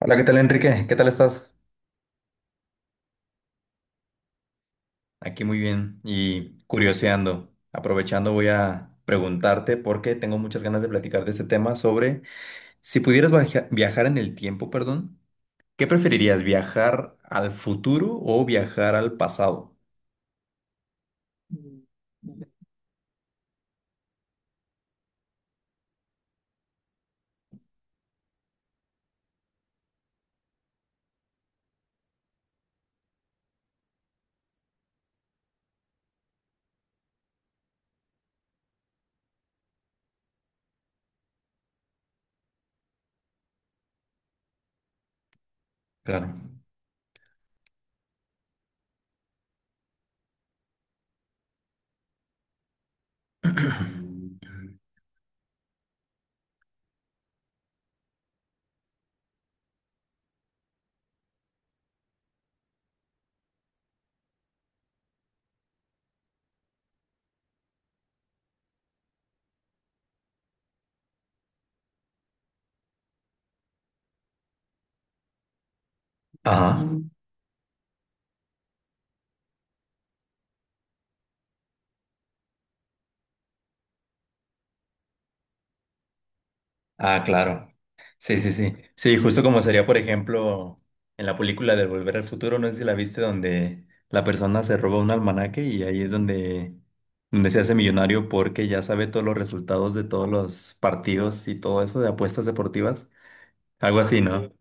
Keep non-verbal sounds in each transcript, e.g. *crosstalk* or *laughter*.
Hola, ¿qué tal, Enrique? ¿Qué tal estás? Aquí muy bien y curioseando. Aprovechando voy a preguntarte porque tengo muchas ganas de platicar de este tema sobre si pudieras viajar en el tiempo, perdón, ¿qué preferirías, viajar al futuro o viajar al pasado? Claro. *clears throat* Ajá. Ah, claro. Sí, sí, sí. Sí, justo como sería, por ejemplo, en la película de Volver al Futuro, no sé si la viste, donde la persona se roba un almanaque y ahí es donde, donde se hace millonario porque ya sabe todos los resultados de todos los partidos y todo eso de apuestas deportivas. Algo así, ¿no?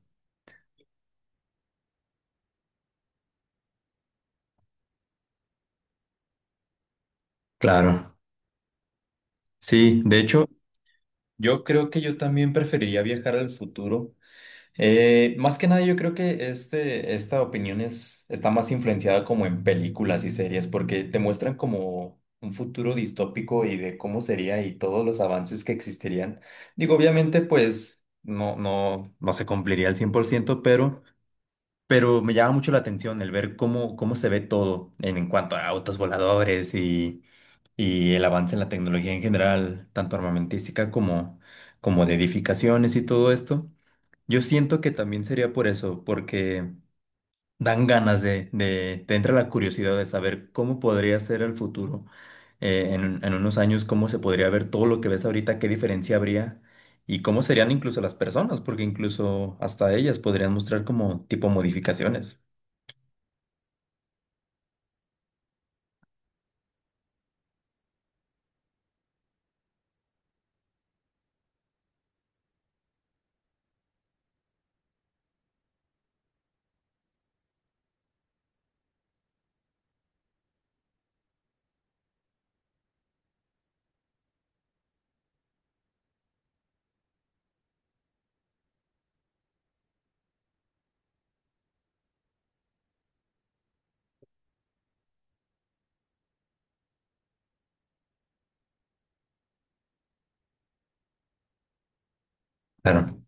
Claro. Sí, de hecho, yo creo que yo también preferiría viajar al futuro. Más que nada, yo creo que esta opinión es, está más influenciada como en películas y series, porque te muestran como un futuro distópico y de cómo sería y todos los avances que existirían. Digo, obviamente, pues no se cumpliría al 100%, pero me llama mucho la atención el ver cómo, cómo se ve todo en cuanto a autos voladores y el avance en la tecnología en general, tanto armamentística como, como de edificaciones y todo esto. Yo siento que también sería por eso, porque dan ganas te entra la curiosidad de saber cómo podría ser el futuro, en unos años, cómo se podría ver todo lo que ves ahorita, qué diferencia habría y cómo serían incluso las personas, porque incluso hasta ellas podrían mostrar como tipo modificaciones. Claro.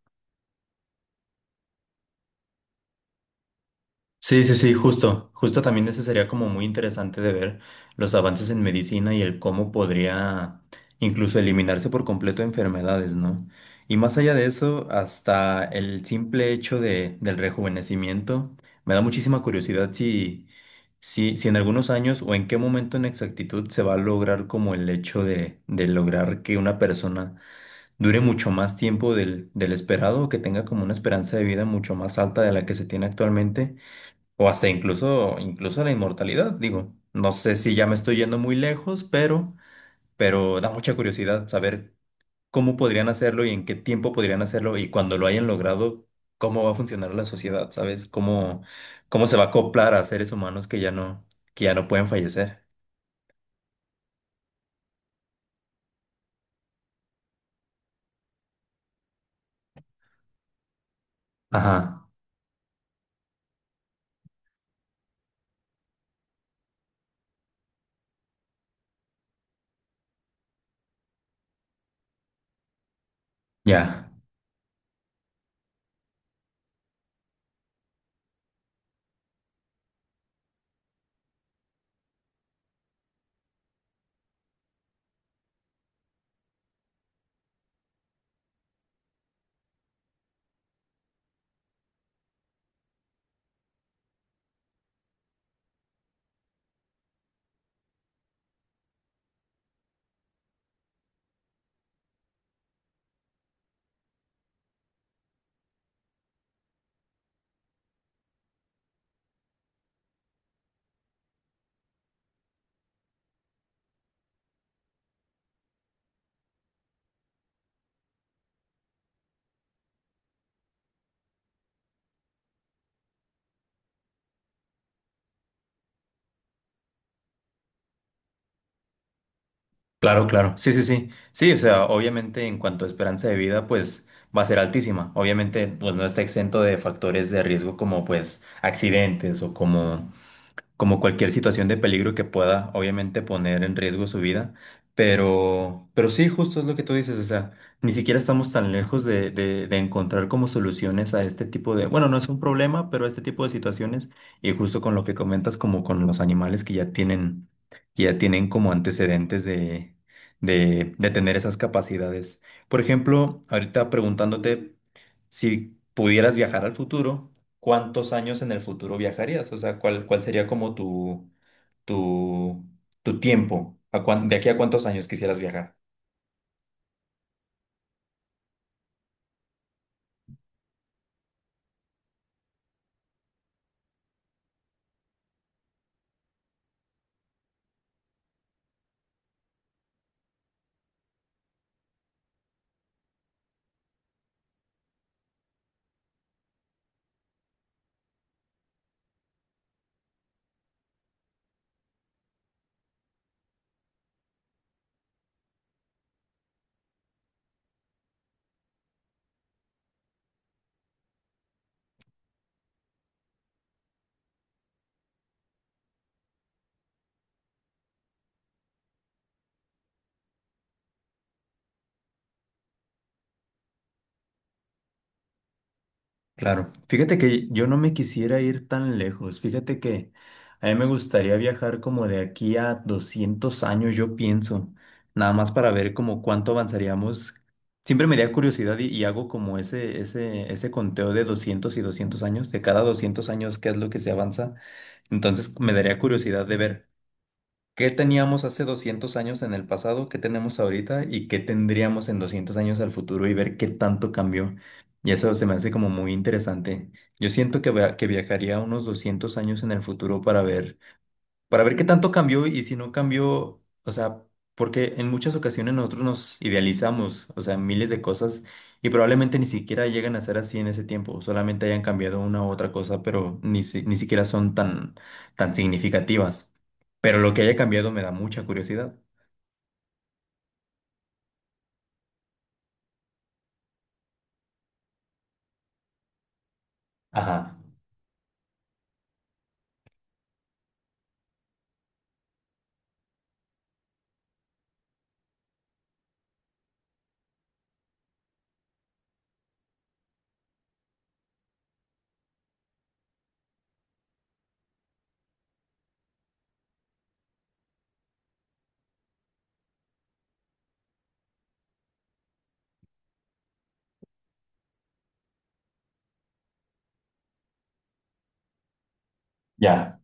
Sí, sí, sí, justo, justo también ese sería como muy interesante de ver los avances en medicina y el cómo podría incluso eliminarse por completo enfermedades, ¿no? Y más allá de eso, hasta el simple hecho de, del rejuvenecimiento, me da muchísima curiosidad si en algunos años o en qué momento en exactitud se va a lograr como el hecho de lograr que una persona dure mucho más tiempo del, del esperado o que tenga como una esperanza de vida mucho más alta de la que se tiene actualmente o incluso la inmortalidad, digo. No sé si ya me estoy yendo muy lejos, pero da mucha curiosidad saber cómo podrían hacerlo y en qué tiempo podrían hacerlo y cuando lo hayan logrado, cómo va a funcionar la sociedad, ¿sabes? Cómo, cómo se va a acoplar a seres humanos que ya no pueden fallecer. Ajá, ya. Claro, claro. Sí, sí, sí. Sí, o sea, obviamente en cuanto a esperanza de vida, pues va a ser altísima. Obviamente, pues no está exento de factores de riesgo como pues accidentes o como como cualquier situación de peligro que pueda, obviamente, poner en riesgo su vida. Pero sí, justo es lo que tú dices, o sea, ni siquiera estamos tan lejos de encontrar como soluciones a este tipo de, bueno, no es un problema, pero a este tipo de situaciones, y justo con lo que comentas, como con los animales que ya tienen como antecedentes de tener esas capacidades. Por ejemplo, ahorita preguntándote si pudieras viajar al futuro, ¿cuántos años en el futuro viajarías? O sea, ¿cuál, cuál sería como tu, tu tiempo? ¿A de aquí a cuántos años quisieras viajar? Claro, fíjate que yo no me quisiera ir tan lejos, fíjate que a mí me gustaría viajar como de aquí a 200 años, yo pienso, nada más para ver como cuánto avanzaríamos. Siempre me da curiosidad y hago como ese conteo de 200 y 200 años, de cada 200 años qué es lo que se avanza. Entonces me daría curiosidad de ver. ¿Qué teníamos hace 200 años en el pasado? ¿Qué tenemos ahorita? ¿Y qué tendríamos en 200 años al futuro? Y ver qué tanto cambió. Y eso se me hace como muy interesante. Yo siento que, que viajaría unos 200 años en el futuro para ver qué tanto cambió y si no cambió, o sea, porque en muchas ocasiones nosotros nos idealizamos, o sea, miles de cosas y probablemente ni siquiera llegan a ser así en ese tiempo, solamente hayan cambiado una u otra cosa, pero ni, ni siquiera son tan, tan significativas. Pero lo que haya cambiado me da mucha curiosidad. Ajá, ya.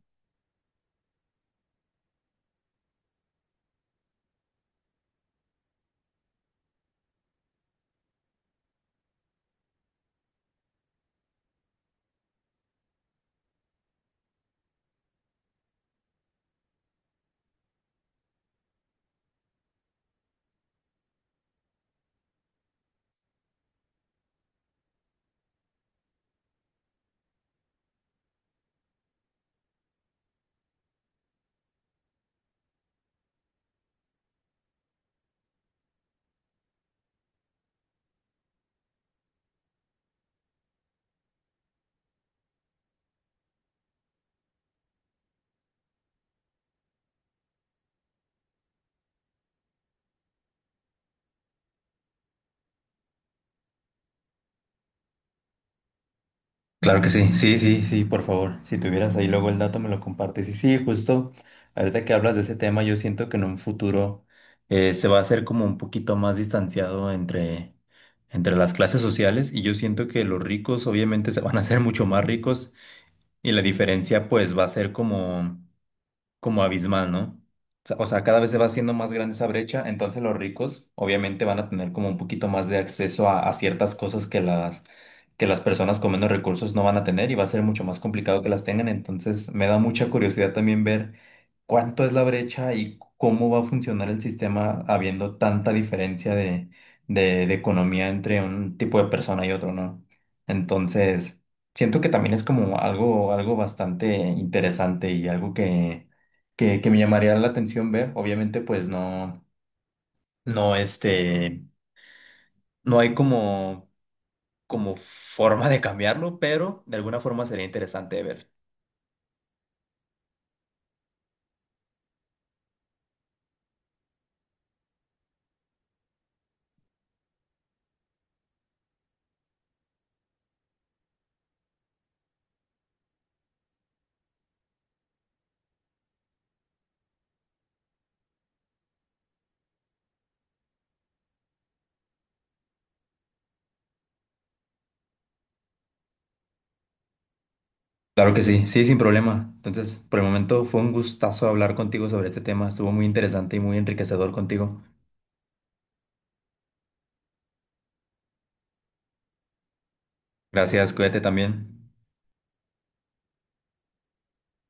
Claro que sí, sí, sí, sí, por favor. Si tuvieras ahí luego el dato, me lo compartes. Y sí, justo ahorita que hablas de ese tema, yo siento que en un futuro se va a hacer como un poquito más distanciado entre, entre las clases sociales y yo siento que los ricos obviamente se van a hacer mucho más ricos y la diferencia pues va a ser como como abismal, ¿no? O sea, cada vez se va haciendo más grande esa brecha, entonces los ricos obviamente van a tener como un poquito más de acceso a ciertas cosas que las personas con menos recursos no van a tener y va a ser mucho más complicado que las tengan, entonces me da mucha curiosidad también ver cuánto es la brecha y cómo va a funcionar el sistema habiendo tanta diferencia de economía entre un tipo de persona y otro, ¿no? Entonces, siento que también es como algo, algo bastante interesante y algo que me llamaría la atención ver. Obviamente, pues no, no, no hay como, como forma de cambiarlo, pero de alguna forma sería interesante de ver. Claro que sí, sí, sin problema. Entonces, por el momento fue un gustazo hablar contigo sobre este tema. Estuvo muy interesante y muy enriquecedor contigo. Gracias, cuídate también.